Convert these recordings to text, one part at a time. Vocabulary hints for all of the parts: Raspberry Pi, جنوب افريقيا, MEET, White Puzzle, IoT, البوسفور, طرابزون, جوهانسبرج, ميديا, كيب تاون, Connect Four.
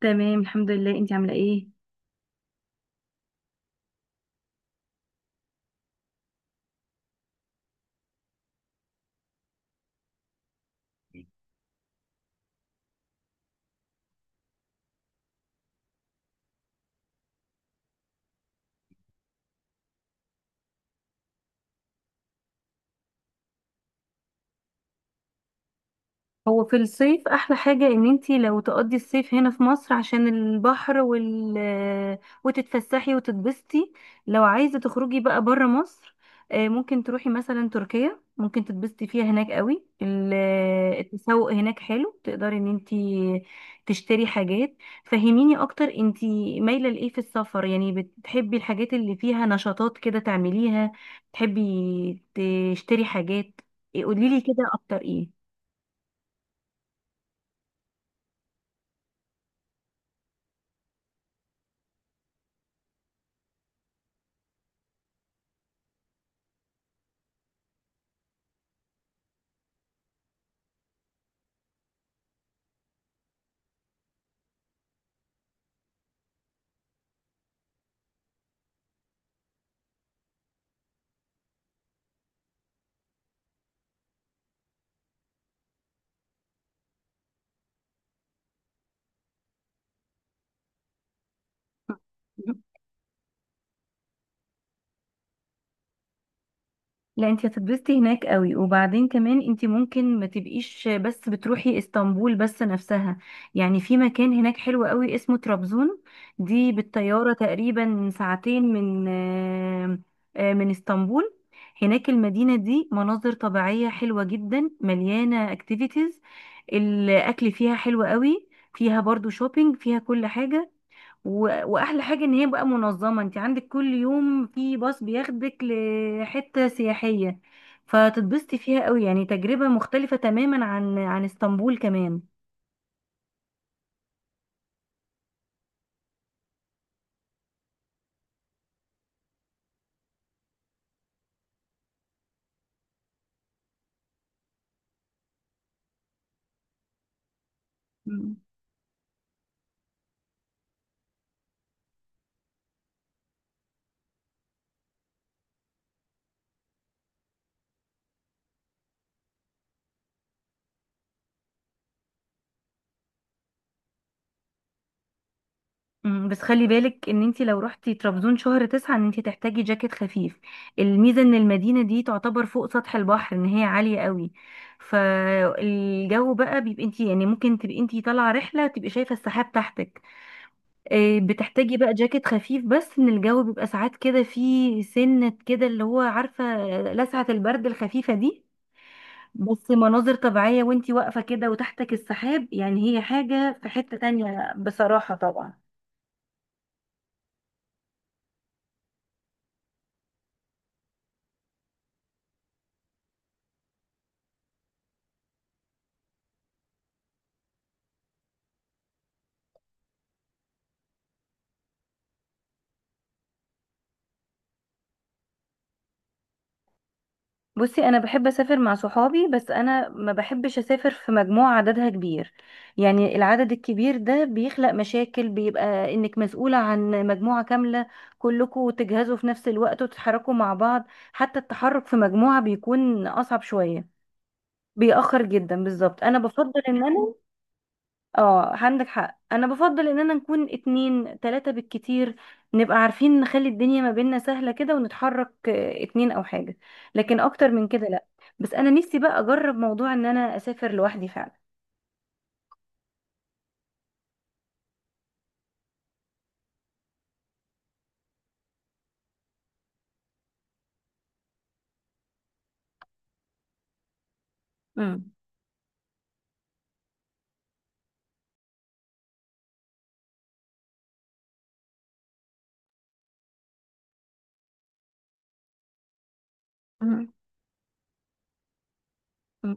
تمام الحمد لله، انت عامله ايه؟ هو في الصيف احلى حاجة ان انتي لو تقضي الصيف هنا في مصر عشان البحر وتتفسحي وتتبسطي. لو عايزة تخرجي بقى برا مصر، ممكن تروحي مثلا تركيا، ممكن تتبسطي فيها هناك قوي. التسوق هناك حلو، تقدري ان انتي تشتري حاجات. فهميني اكتر، انتي مايلة لايه في السفر؟ يعني بتحبي الحاجات اللي فيها نشاطات كده تعمليها؟ تحبي تشتري حاجات؟ قوليلي كده اكتر. ايه، لا انت هتتبسطي هناك قوي. وبعدين كمان انت ممكن ما تبقيش بس بتروحي اسطنبول بس نفسها، يعني في مكان هناك حلو قوي اسمه طرابزون. دي بالطيارة تقريبا ساعتين من آه، آه، من اسطنبول. هناك المدينة دي مناظر طبيعية حلوة جدا، مليانة اكتيفيتيز. الاكل فيها حلو قوي، فيها برضو شوبينج، فيها كل حاجة. واحلى حاجه ان هي بقى منظمه، انت عندك كل يوم في باص بياخدك لحته سياحيه. فتتبسطي فيها قوي، يعني تجربه مختلفه تماما عن اسطنبول كمان. مم. بس خلي بالك ان انت لو رحتي طرابزون شهر 9 ان انت تحتاجي جاكيت خفيف. الميزة ان المدينة دي تعتبر فوق سطح البحر، ان هي عالية قوي. فالجو بقى بيبقى، انت يعني ممكن تبقي انت طالعة رحلة تبقي شايفة السحاب تحتك. بتحتاجي بقى جاكيت خفيف، بس ان الجو بيبقى ساعات كده فيه سنة كده اللي هو عارفة، لسعة البرد الخفيفة دي. بس مناظر طبيعية وانتي واقفة كده وتحتك السحاب، يعني هي حاجة في حتة تانية بصراحة طبعا. بصي، انا بحب اسافر مع صحابي، بس انا ما بحبش اسافر في مجموعة عددها كبير. يعني العدد الكبير ده بيخلق مشاكل، بيبقى انك مسؤولة عن مجموعة كاملة، كلكم تجهزوا في نفس الوقت وتتحركوا مع بعض. حتى التحرك في مجموعة بيكون اصعب شوية. بيأخر جدا بالظبط، انا بفضل ان انا، اه عندك حق، انا بفضل اننا نكون 2 3 بالكتير. نبقى عارفين نخلي الدنيا ما بيننا سهلة كده، ونتحرك، 2 او حاجة، لكن اكتر من كده لا. بس انا نفسي بقى اجرب موضوع ان انا اسافر لوحدي فعلا. مم. مم. مم.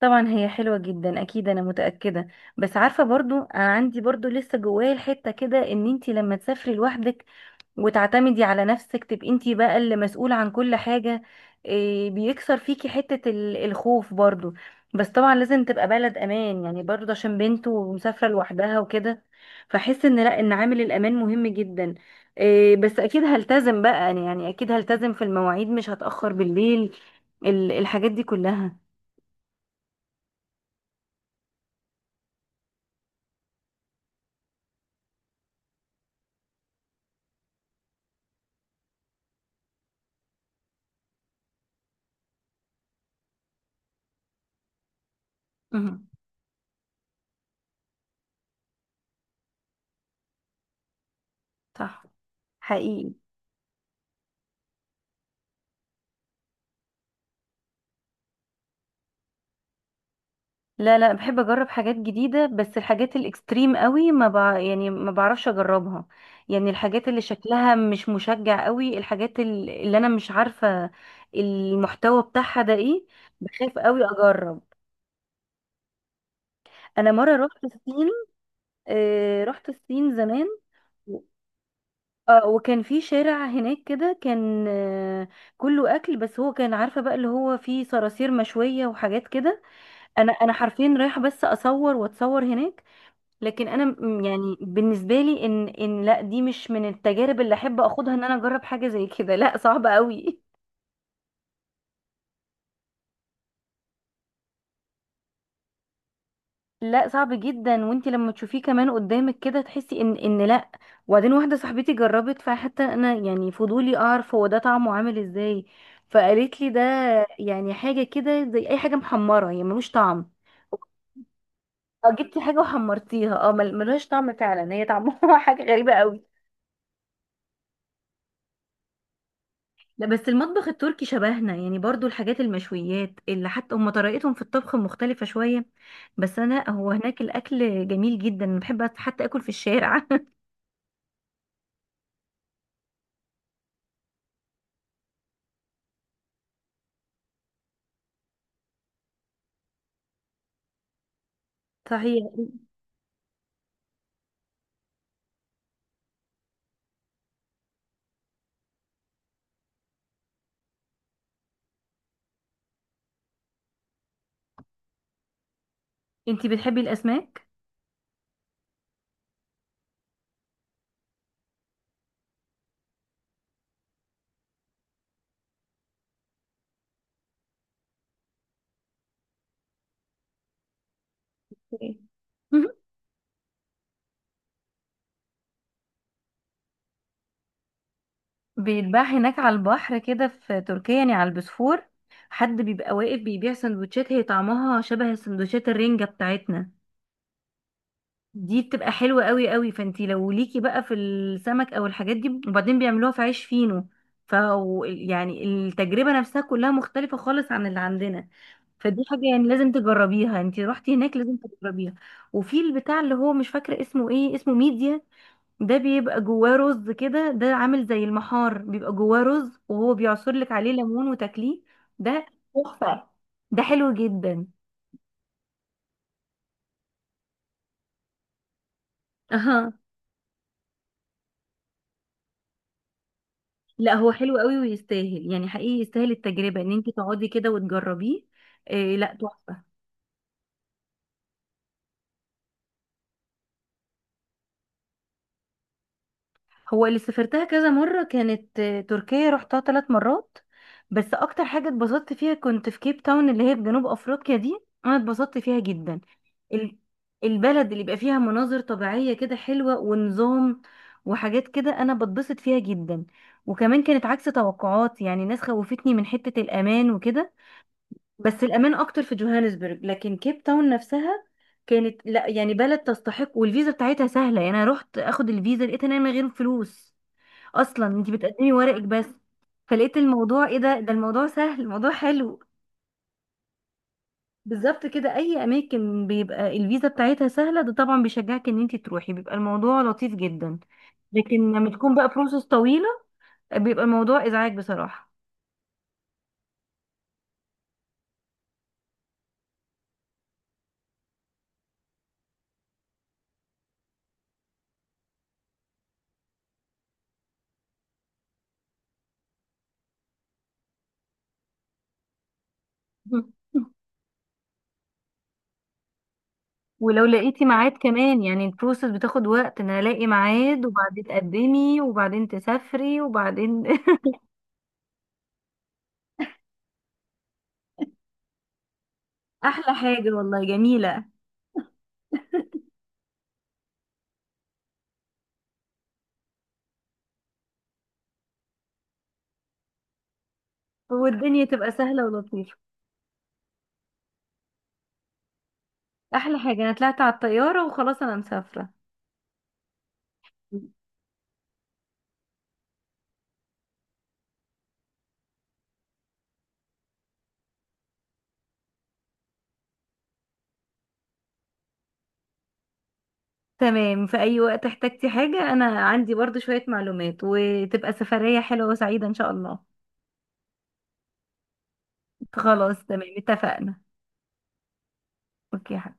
طبعا هي حلوة جدا اكيد، انا متأكدة. بس عارفة، برضو انا عندي برضو لسه جوايا الحتة كده، ان انتي لما تسافري لوحدك وتعتمدي على نفسك، تبقي انتي بقى اللي مسؤولة عن كل حاجة. إيه، بيكسر فيكي حتة الخوف برضو. بس طبعا لازم تبقى بلد امان يعني، برضو عشان بنت ومسافرة لوحدها وكده، فحس ان لا، ان عامل الامان مهم جدا. إيه، بس اكيد هلتزم بقى أنا، يعني اكيد هلتزم في المواعيد، مش هتأخر بالليل، الحاجات دي كلها. مهم. صح. حقيقي. لا لا، بحب اجرب حاجات جديده، بس الحاجات الاكستريم قوي ما بع... يعني ما بعرفش اجربها. يعني الحاجات اللي شكلها مش مشجع قوي، الحاجات اللي انا مش عارفه المحتوى بتاعها ده ايه، بخاف قوي اجرب. انا مره رحت الصين، رحت الصين زمان. و- اه وكان في شارع هناك كده كان، كله اكل، بس هو كان عارفه بقى اللي هو فيه صراصير مشويه وحاجات كده. انا حرفيا رايحه بس اصور واتصور هناك. لكن انا يعني بالنسبه لي ان ان لا، دي مش من التجارب اللي احب اخدها ان انا اجرب حاجه زي كده، لا صعب قوي. لا صعب جدا، وانت لما تشوفيه كمان قدامك كده تحسي ان لا. وبعدين واحده صاحبتي جربت، فحتى انا يعني فضولي اعرف هو ده طعمه عامل ازاي، فقالت لي ده يعني حاجه كده زي اي حاجه محمره، يعني ملوش طعم. اه، جبتي حاجه وحمرتيها، اه ملهاش طعم، فعلا هي طعمها حاجه غريبه قوي. لا بس المطبخ التركي شبهنا يعني، برضو الحاجات المشويات، اللي حتى هم طريقتهم في الطبخ مختلفة شوية. بس انا هو هناك الاكل جميل جدا، أنا بحب حتى اكل في الشارع. صحيح. انتي بتحبي الاسماك؟ إيه. بيتباع هناك على البحر كده في تركيا يعني على البوسفور، حد بيبقى واقف بيبيع سندوتشات، هي طعمها شبه سندوتشات الرنجة بتاعتنا. دي بتبقى حلوة قوي قوي، فانتي لو ليكي بقى في السمك او الحاجات دي، وبعدين بيعملوها في عيش فينو. ف يعني التجربة نفسها كلها مختلفة خالص عن اللي عندنا، فدي حاجة يعني لازم تجربيها، انتي رحتي هناك لازم تجربيها. وفي البتاع اللي هو مش فاكرة اسمه ايه، اسمه ميديا، ده بيبقى جواه رز كده، ده عامل زي المحار، بيبقى جواه رز وهو بيعصر لك عليه ليمون وتاكليه. ده تحفة، ده حلو جدا. لا هو حلو قوي ويستاهل، يعني حقيقي يستاهل التجربة ان انت تقعدي كده وتجربيه. إيه، لا تحفة. هو اللي سافرتها كذا مرة كانت، تركيا رحتها 3 مرات. بس اكتر حاجة اتبسطت فيها كنت في كيب تاون اللي هي في جنوب افريقيا دي، انا اتبسطت فيها جدا. ال- البلد اللي بيبقى فيها مناظر طبيعية كده حلوة ونظام وحاجات كده، انا بتبسط فيها جدا. وكمان كانت عكس توقعاتي، يعني ناس خوفتني من حتة الامان وكده، بس الامان اكتر في جوهانسبرج، لكن كيب تاون نفسها كانت، لا يعني بلد تستحق. والفيزا بتاعتها سهله، يعني انا رحت اخد الفيزا لقيت ان انا من غير فلوس اصلا، انت بتقدمي ورقك بس. فلقيت الموضوع ايه، ده الموضوع سهل، الموضوع حلو. بالظبط كده، اي اماكن بيبقى الفيزا بتاعتها سهله ده طبعا بيشجعك ان انت تروحي، بيبقى الموضوع لطيف جدا. لكن لما تكون بقى بروسس طويله، بيبقى الموضوع ازعاج بصراحه. ولو لقيتي ميعاد كمان، يعني البروسس بتاخد وقت ان الاقي ميعاد، وبعدين تقدمي، وبعدين تسافري، وبعدين... احلى حاجة والله، جميلة. والدنيا تبقى سهلة ولطيفة. احلى حاجة، انا طلعت على الطيارة وخلاص انا مسافرة. تمام، في اي وقت احتجتي حاجة انا عندي برضو شوية معلومات، وتبقى سفرية حلوة وسعيدة ان شاء الله. خلاص تمام اتفقنا. اوكي يا